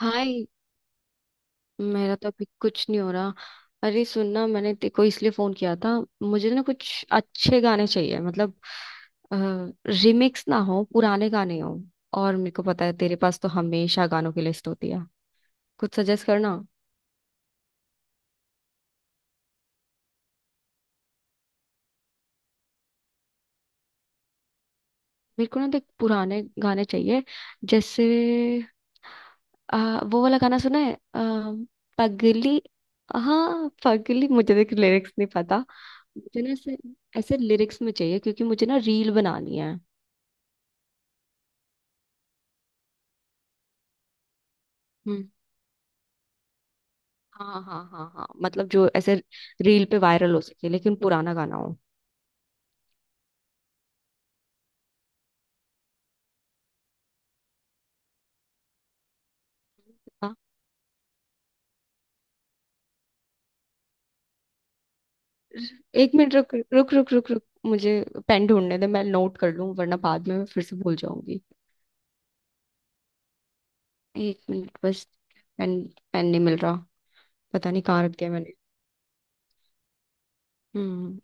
हाय। मेरा तो अभी कुछ नहीं हो रहा। अरे सुनना, मैंने तेरे को इसलिए फोन किया था, मुझे ना कुछ अच्छे गाने चाहिए, मतलब रिमिक्स ना हो, पुराने गाने हो। और मेरे को पता है तेरे पास तो हमेशा गानों की लिस्ट होती है, कुछ सजेस्ट करना। मेरे को ना देख पुराने गाने चाहिए, जैसे अ, वो वाला गाना सुना है पगली। हाँ पगली, मुझे देख लिरिक्स नहीं पता। मुझे ना ऐसे ऐसे लिरिक्स में चाहिए, क्योंकि मुझे ना रील बनानी है। हम्म। हाँ हाँ हाँ हाँ, मतलब जो ऐसे रील पे वायरल हो सके लेकिन पुराना गाना हो। हाँ। एक मिनट, रुक रुक रुक रुक रुक, मुझे पेन ढूंढने दे, मैं नोट कर लूं वरना बाद में मैं फिर से भूल जाऊंगी। एक मिनट बस। पेन। पेन नहीं मिल रहा, पता नहीं कहाँ रख दिया मैंने। हम्म।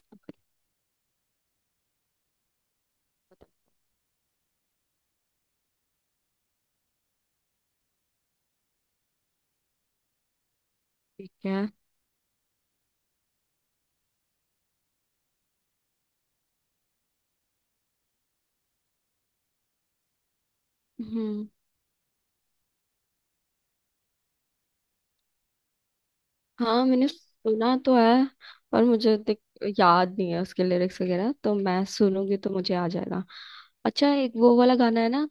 ठीक है। हम्म। हाँ मैंने सुना तो है, पर मुझे याद नहीं है उसके लिरिक्स वगैरह, तो मैं सुनूंगी तो मुझे आ जाएगा। अच्छा, एक वो वाला गाना है ना,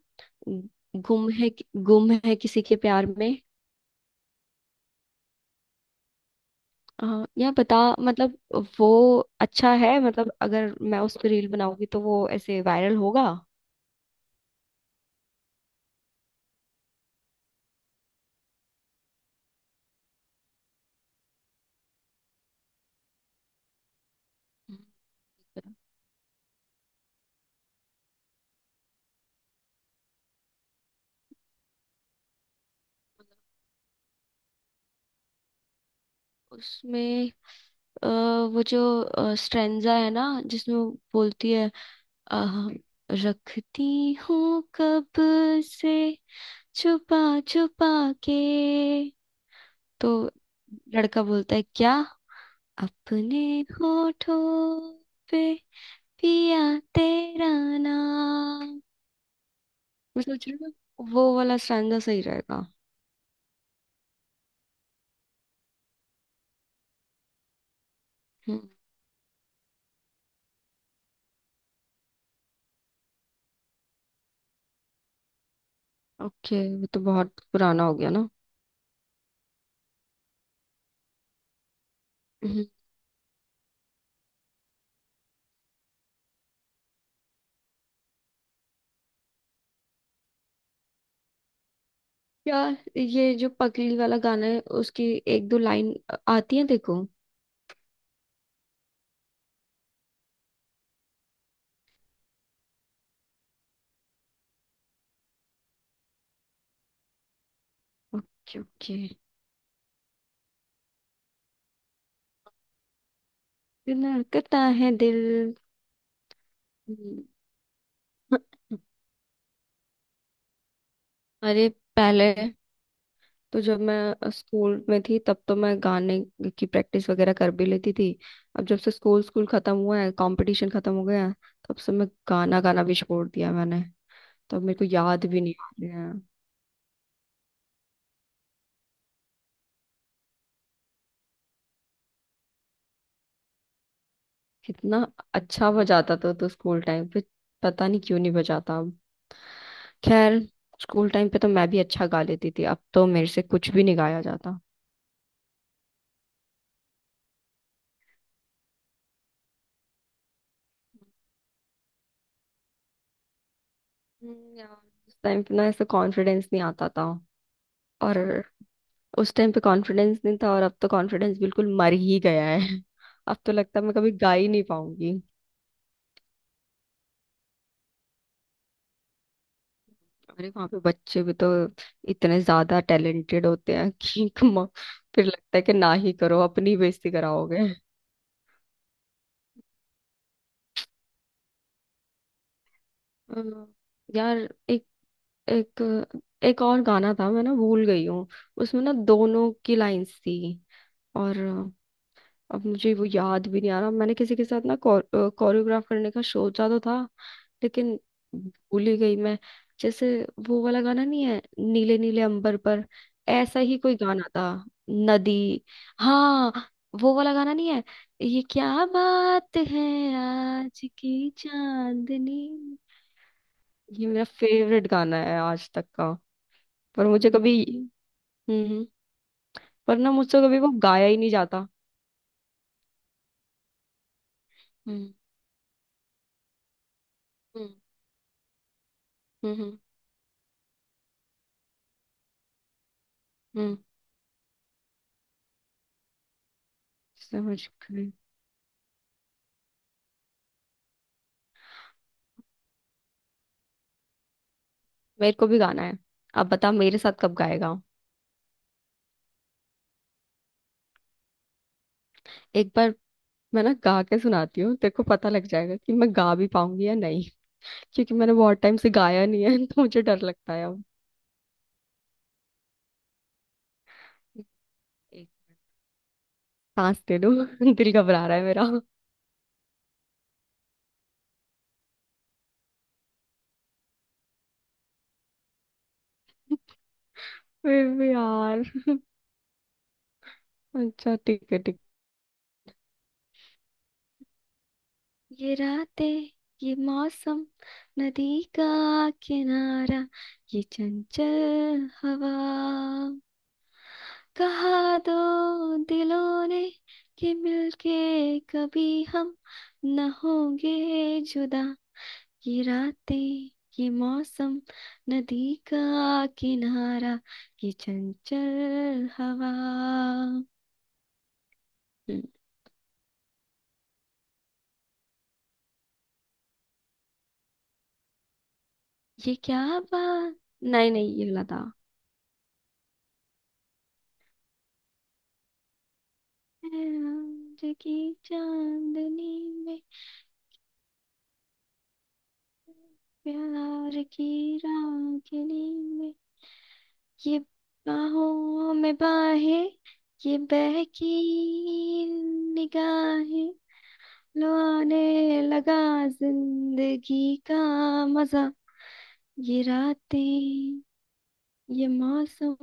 गुम है किसी के प्यार में। या बता मतलब वो अच्छा है, मतलब अगर मैं उस पर रील बनाऊंगी तो वो ऐसे वायरल होगा। हम्म। उसमें अ, वो जो स्ट्रेंजा है ना जिसमें वो बोलती है अ, रखती हूँ कब से छुपा छुपा के, तो लड़का बोलता है क्या, अपने होठों पे पिया तेरा नाम। मैं सोच रही हूँ ना, वो वाला स्टैंजा सही रहेगा। हम्म। ओके, वो तो बहुत पुराना हो गया ना। हम्म। यार ये जो पगली वाला गाना है उसकी एक दो लाइन आती है, देखो। Okay okay. धड़कता है दिल। हम्म। अरे पहले तो जब मैं स्कूल में थी तब तो मैं गाने की प्रैक्टिस वगैरह कर भी लेती थी। अब जब से स्कूल स्कूल खत्म हुआ है, कंपटीशन खत्म हो गया है, तब से मैं गाना गाना भी छोड़ दिया मैंने, तो अब मेरे को याद भी नहीं आ रहा है। कितना अच्छा बजाता था तो स्कूल टाइम पे, पता नहीं क्यों नहीं बजाता अब। खैर, स्कूल टाइम पे तो मैं भी अच्छा गा लेती थी, अब तो मेरे से कुछ भी नहीं गाया जाता। हम्म। यार उस टाइम पे ना ऐसा कॉन्फिडेंस नहीं आता था। और उस टाइम पे कॉन्फिडेंस नहीं था, और अब तो कॉन्फिडेंस बिल्कुल मर ही गया है। अब तो लगता है मैं कभी गा ही नहीं पाऊंगी। अरे वहां पे बच्चे भी तो इतने ज्यादा टैलेंटेड होते हैं कि फिर लगता है कि ना ही करो, अपनी बेइज्जती कराओगे। अ, यार एक एक एक और गाना था, मैं ना भूल गई हूँ। उसमें ना दोनों की लाइंस थी, और अब मुझे वो याद भी नहीं आ रहा। मैंने किसी के साथ ना कोरियोग्राफ करने का सोचा तो था, लेकिन भूल ही गई मैं। जैसे वो वाला गाना नहीं है, नीले नीले अंबर पर, ऐसा ही कोई गाना था। नदी। हाँ वो वाला गाना नहीं है, ये क्या बात है, आज की चांदनी। ये मेरा फेवरेट गाना है आज तक का, पर मुझे कभी। हम्म हम्म, पर ना मुझसे कभी वो गाया ही नहीं जाता। हम्म। हम्म हम्म हम्म समझ गई। मेरे को भी गाना है, अब बता मेरे साथ कब गाएगा। एक बार मैं ना गा के सुनाती हूँ, तेरे को पता लग जाएगा कि मैं गा भी पाऊंगी या नहीं, क्योंकि मैंने बहुत टाइम से गाया नहीं है तो मुझे डर लगता है अब। एक सांस दे दो। दिल घबरा रहा है मेरा। बेबी यार। अच्छा ठीक है ठीक। ये रातें, ये मौसम, नदी का किनारा, ये चंचल हवा, कहा दो दिलों ने कि मिलके कभी हम न होंगे जुदा। ये रातें, ये मौसम, नदी का किनारा, ये चंचल हवा। हम्म। ये क्या बात। नहीं नहीं, ये वाला था। आज की चांदनी में, प्यार की रागिनी में, ये बाहों में बाहें, ये बहकी निगाहें, लो आने लगा जिंदगी का मजा, ये रातें, ये मौसम,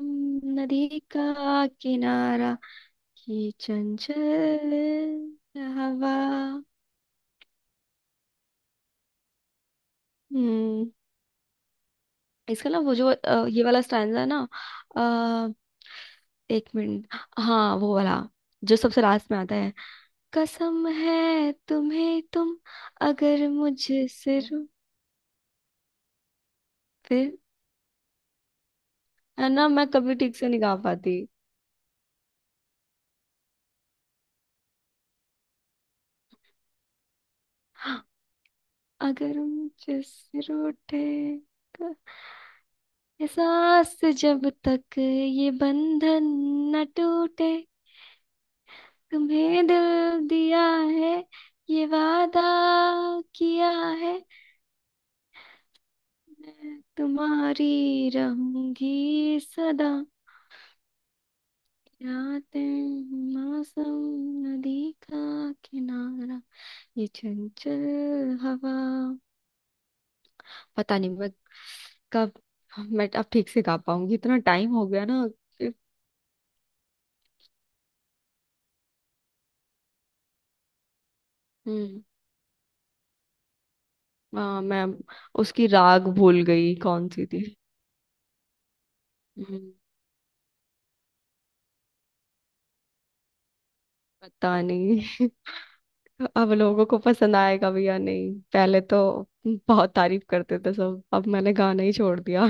नदी का किनारा, ये चंचल हवा। हम्म। इसका ना वो जो ये वाला स्टैंजा है ना। अ, एक मिनट। हाँ वो वाला जो सबसे लास्ट में आता है। कसम है तुम्हें तुम, अगर मुझसे रू फिर है ना, मैं कभी ठीक से नहीं गा पाती। अगर मुझसे रूठे, क- एहसास जब तक ये बंधन न टूटे, तुम्हें दिल दिया है, ये वादा किया है, मैं तुम्हारी रहूंगी सदा। यादें मौसम, नदी का किनारा, ये चंचल हवा। पता नहीं मैं कब मैं अब ठीक से गा पाऊंगी, इतना टाइम हो गया ना हम्म। मैं उसकी राग भूल गई कौन सी थी। हम्म। पता नहीं अब लोगों को पसंद आएगा भी या नहीं। पहले तो बहुत तारीफ करते थे सब, अब मैंने गाना ही छोड़ दिया।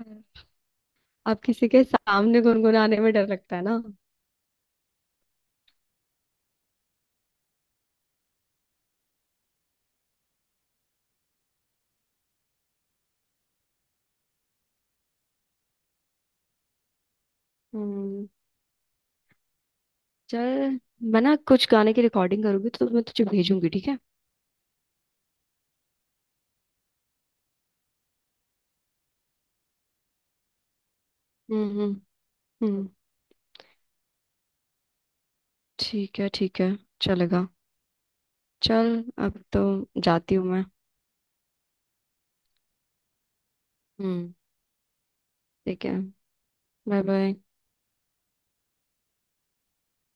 हम्म। अब किसी के सामने गुनगुनाने में डर लगता है ना। हम्म। चल, मैं ना कुछ गाने की रिकॉर्डिंग करूंगी तो मैं तुझे भेजूंगी, ठीक है। हम्म। हम्म ठीक है, ठीक है, चलेगा। चल, अब तो जाती हूँ मैं। हम्म ठीक है। Bye bye.